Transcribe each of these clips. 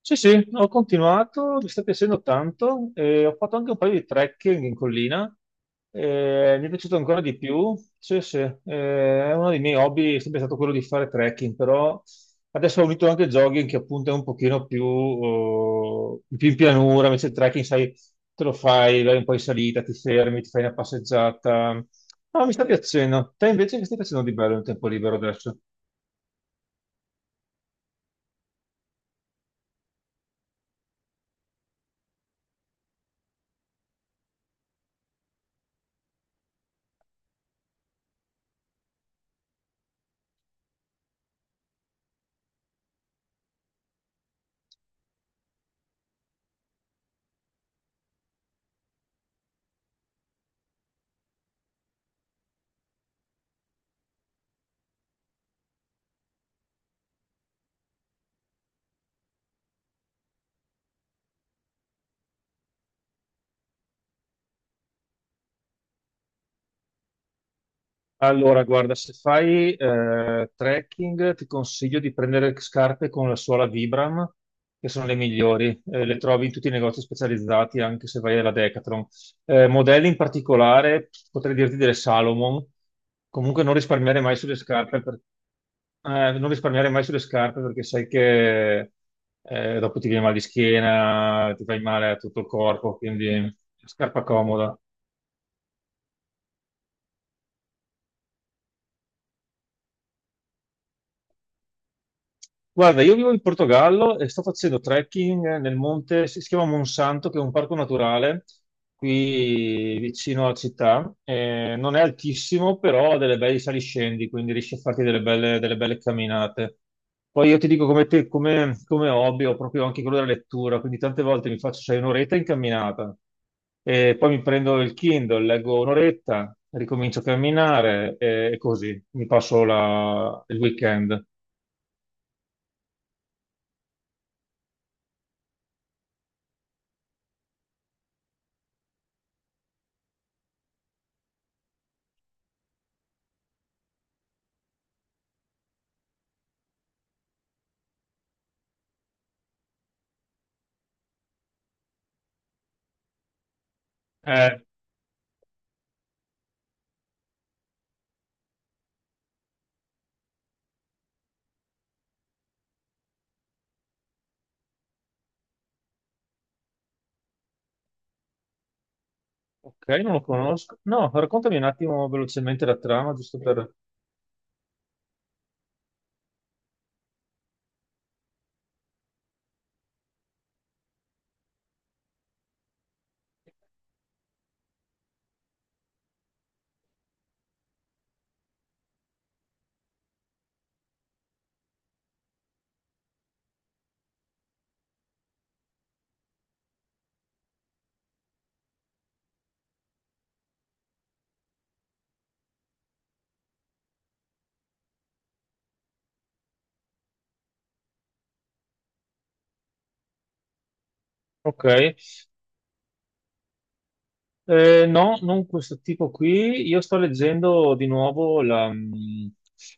Sì, sì, ho continuato, mi sta piacendo tanto, e ho fatto anche un paio di trekking in collina, e mi è piaciuto ancora di più, sì, sì, è uno dei miei hobby, è sempre stato quello di fare trekking, però adesso ho unito anche il jogging che appunto è un pochino più, oh, più in pianura. Invece il trekking, sai, te lo fai, vai un po' in salita, ti fermi, ti fai una passeggiata, no, mi sta piacendo. Te invece che stai facendo di bello nel tempo libero adesso? Allora, guarda, se fai trekking ti consiglio di prendere scarpe con la suola Vibram, che sono le migliori. Le trovi in tutti i negozi specializzati, anche se vai alla Decathlon. Modelli in particolare, potrei dirti delle Salomon. Comunque non risparmiare mai sulle scarpe, non risparmiare mai sulle scarpe perché sai che dopo ti viene mal di schiena, ti fai male a tutto il corpo, quindi scarpa comoda. Guarda, io vivo in Portogallo e sto facendo trekking nel monte, si chiama Monsanto, che è un parco naturale qui vicino alla città. Non è altissimo, però ha delle belle saliscendi, quindi riesci a farti delle belle camminate. Poi io ti dico come, te, come hobby, ho proprio anche quello della lettura, quindi tante volte mi faccio, sai, un'oretta in camminata, e poi mi prendo il Kindle, leggo un'oretta, ricomincio a camminare e così mi passo il weekend. Eh, Ok, non lo conosco. No, raccontami un attimo velocemente la trama, giusto per. Ok, no, non questo tipo qui. Io sto leggendo di nuovo la, mm,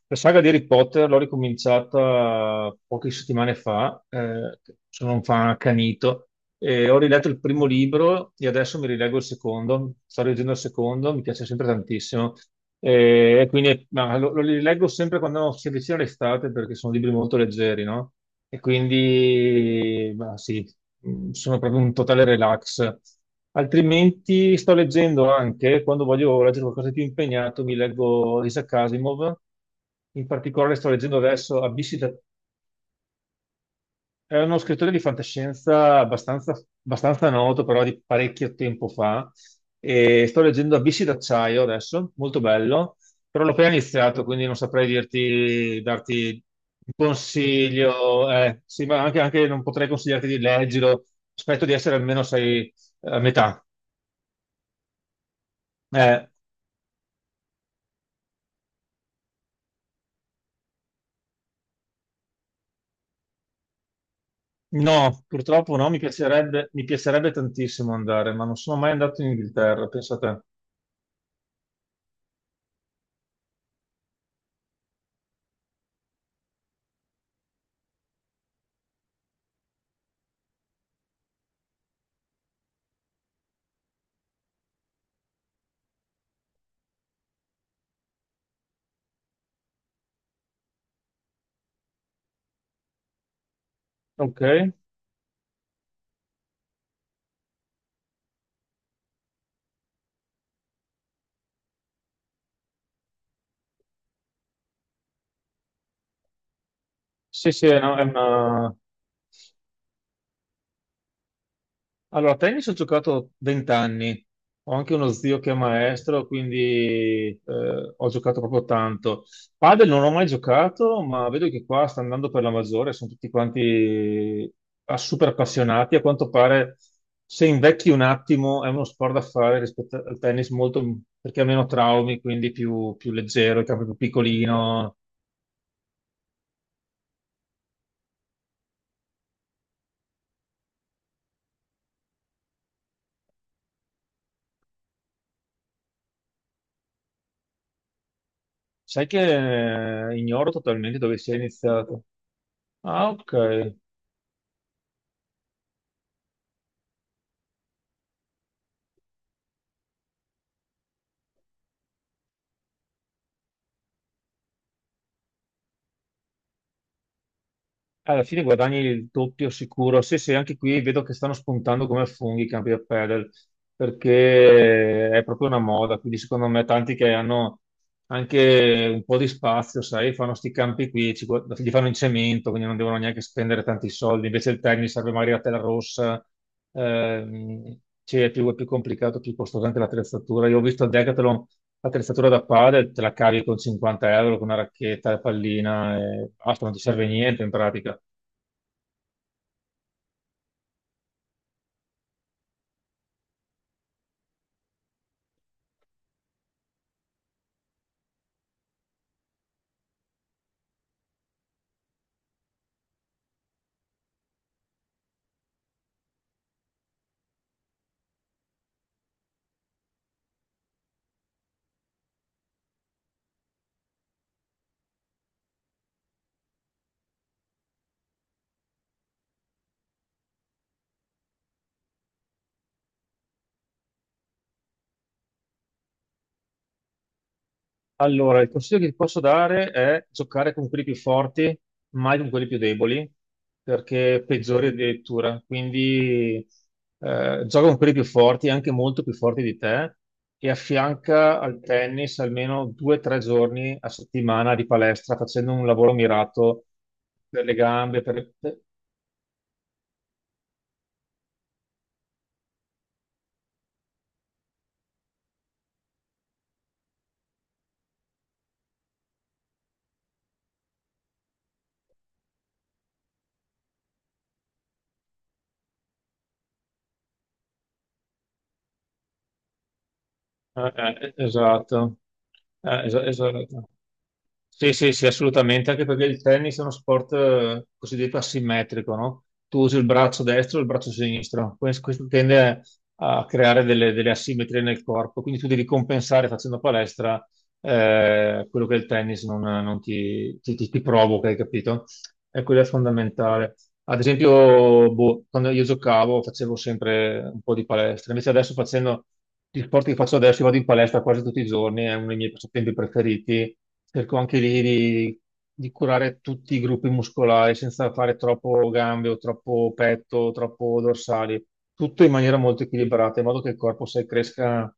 la saga di Harry Potter, l'ho ricominciata poche settimane fa, sono un fan accanito. Ho riletto il primo libro e adesso mi rileggo il secondo. Sto leggendo il secondo, mi piace sempre tantissimo. E quindi ma lo rileggo sempre quando si avvicina l'estate perché sono libri molto leggeri, no? E quindi, ma sì, sono proprio un totale relax. Altrimenti sto leggendo anche, quando voglio leggere qualcosa di più impegnato, mi leggo Isaac Asimov. In particolare sto leggendo adesso Abissi, era uno scrittore di fantascienza abbastanza, abbastanza noto, però di parecchio tempo fa. E sto leggendo Abissi d'acciaio adesso, molto bello, però l'ho appena iniziato, quindi non saprei dirti, darti un consiglio. Sì, ma anche non potrei consigliarti di leggerlo. Aspetto di essere almeno sei a metà. Eh, no, purtroppo no, mi piacerebbe tantissimo andare, ma non sono mai andato in Inghilterra, pensate. Ok. Sì, sì, no, è una. Allora, a tennis ho giocato 20 anni, ho anche uno zio che è maestro, quindi ho giocato proprio tanto. Padel non ho mai giocato, ma vedo che qua sta andando per la maggiore, sono tutti quanti ah, super appassionati. A quanto pare, se invecchi un attimo, è uno sport da fare rispetto al tennis, molto, perché ha meno traumi, quindi più, più leggero, il campo è più piccolino. Sai che ignoro totalmente dove sia iniziato. Ah, ok. Alla fine guadagni il doppio sicuro. Sì, sì, anche qui vedo che stanno spuntando come funghi i campi da padel, perché è proprio una moda. Quindi secondo me tanti che hanno anche un po' di spazio, sai, fanno questi campi qui, li fanno in cemento, quindi non devono neanche spendere tanti soldi. Invece il tennis serve magari la tela rossa, ehm, cioè, è più complicato, più costoso anche l'attrezzatura. Io ho visto a Decathlon l'attrezzatura da padel, te la cavi con 50 euro, con una racchetta, la pallina e basta, non ti serve niente in pratica. Allora, il consiglio che ti posso dare è giocare con quelli più forti, mai con quelli più deboli, perché peggiori addirittura. Quindi gioca con quelli più forti, anche molto più forti di te, e affianca al tennis almeno due o tre giorni a settimana di palestra, facendo un lavoro mirato per le gambe, Eh, esatto. Esatto. Sì, sì, sì, assolutamente, anche perché il tennis è uno sport cosiddetto asimmetrico, no? Tu usi il braccio destro e il braccio sinistro, questo tende a creare delle, asimmetrie nel corpo, quindi tu devi compensare facendo palestra quello che il tennis non ti provoca, hai capito? E quello è fondamentale. Ad esempio, boh, quando io giocavo facevo sempre un po' di palestra, invece adesso facendo gli sport che faccio adesso, io vado in palestra quasi tutti i giorni, è uno dei miei passatempi preferiti. Cerco anche lì di curare tutti i gruppi muscolari senza fare troppo gambe o troppo petto, o troppo dorsali, tutto in maniera molto equilibrata, in modo che il corpo se cresca.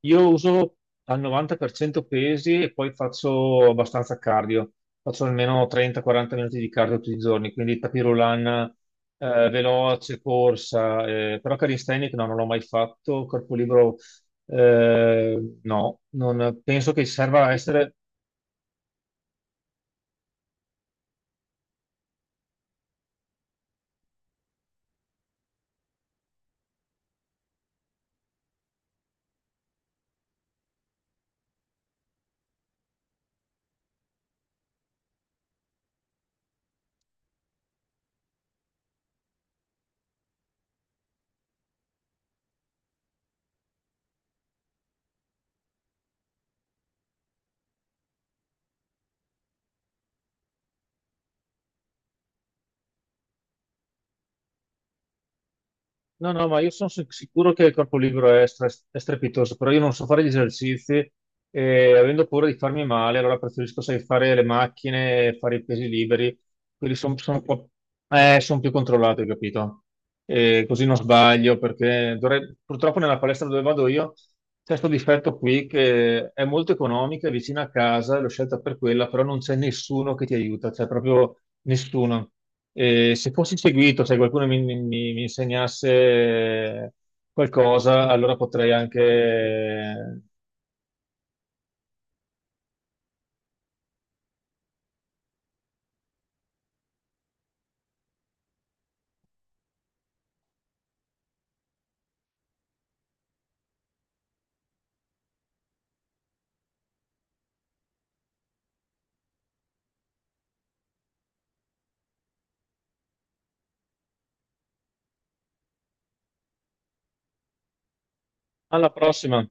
Io uso al 90% pesi e poi faccio abbastanza cardio. Faccio almeno 30-40 minuti di cardio tutti i giorni, quindi tapis roulant, veloce, corsa, però calisthenic no, non l'ho mai fatto, corpo libero no, non penso che serva essere. No, no, ma io sono sicuro che il corpo libero è strepitoso, però io non so fare gli esercizi e avendo paura di farmi male, allora preferisco, sai, fare le macchine, fare i pesi liberi, quelli sono son più controllati, capito? E così non sbaglio, perché purtroppo nella palestra dove vado io c'è questo difetto qui che è molto economica, è vicina a casa, l'ho scelta per quella, però non c'è nessuno che ti aiuta, c'è proprio nessuno. E se fossi seguito, se qualcuno mi insegnasse qualcosa, allora potrei anche. Alla prossima!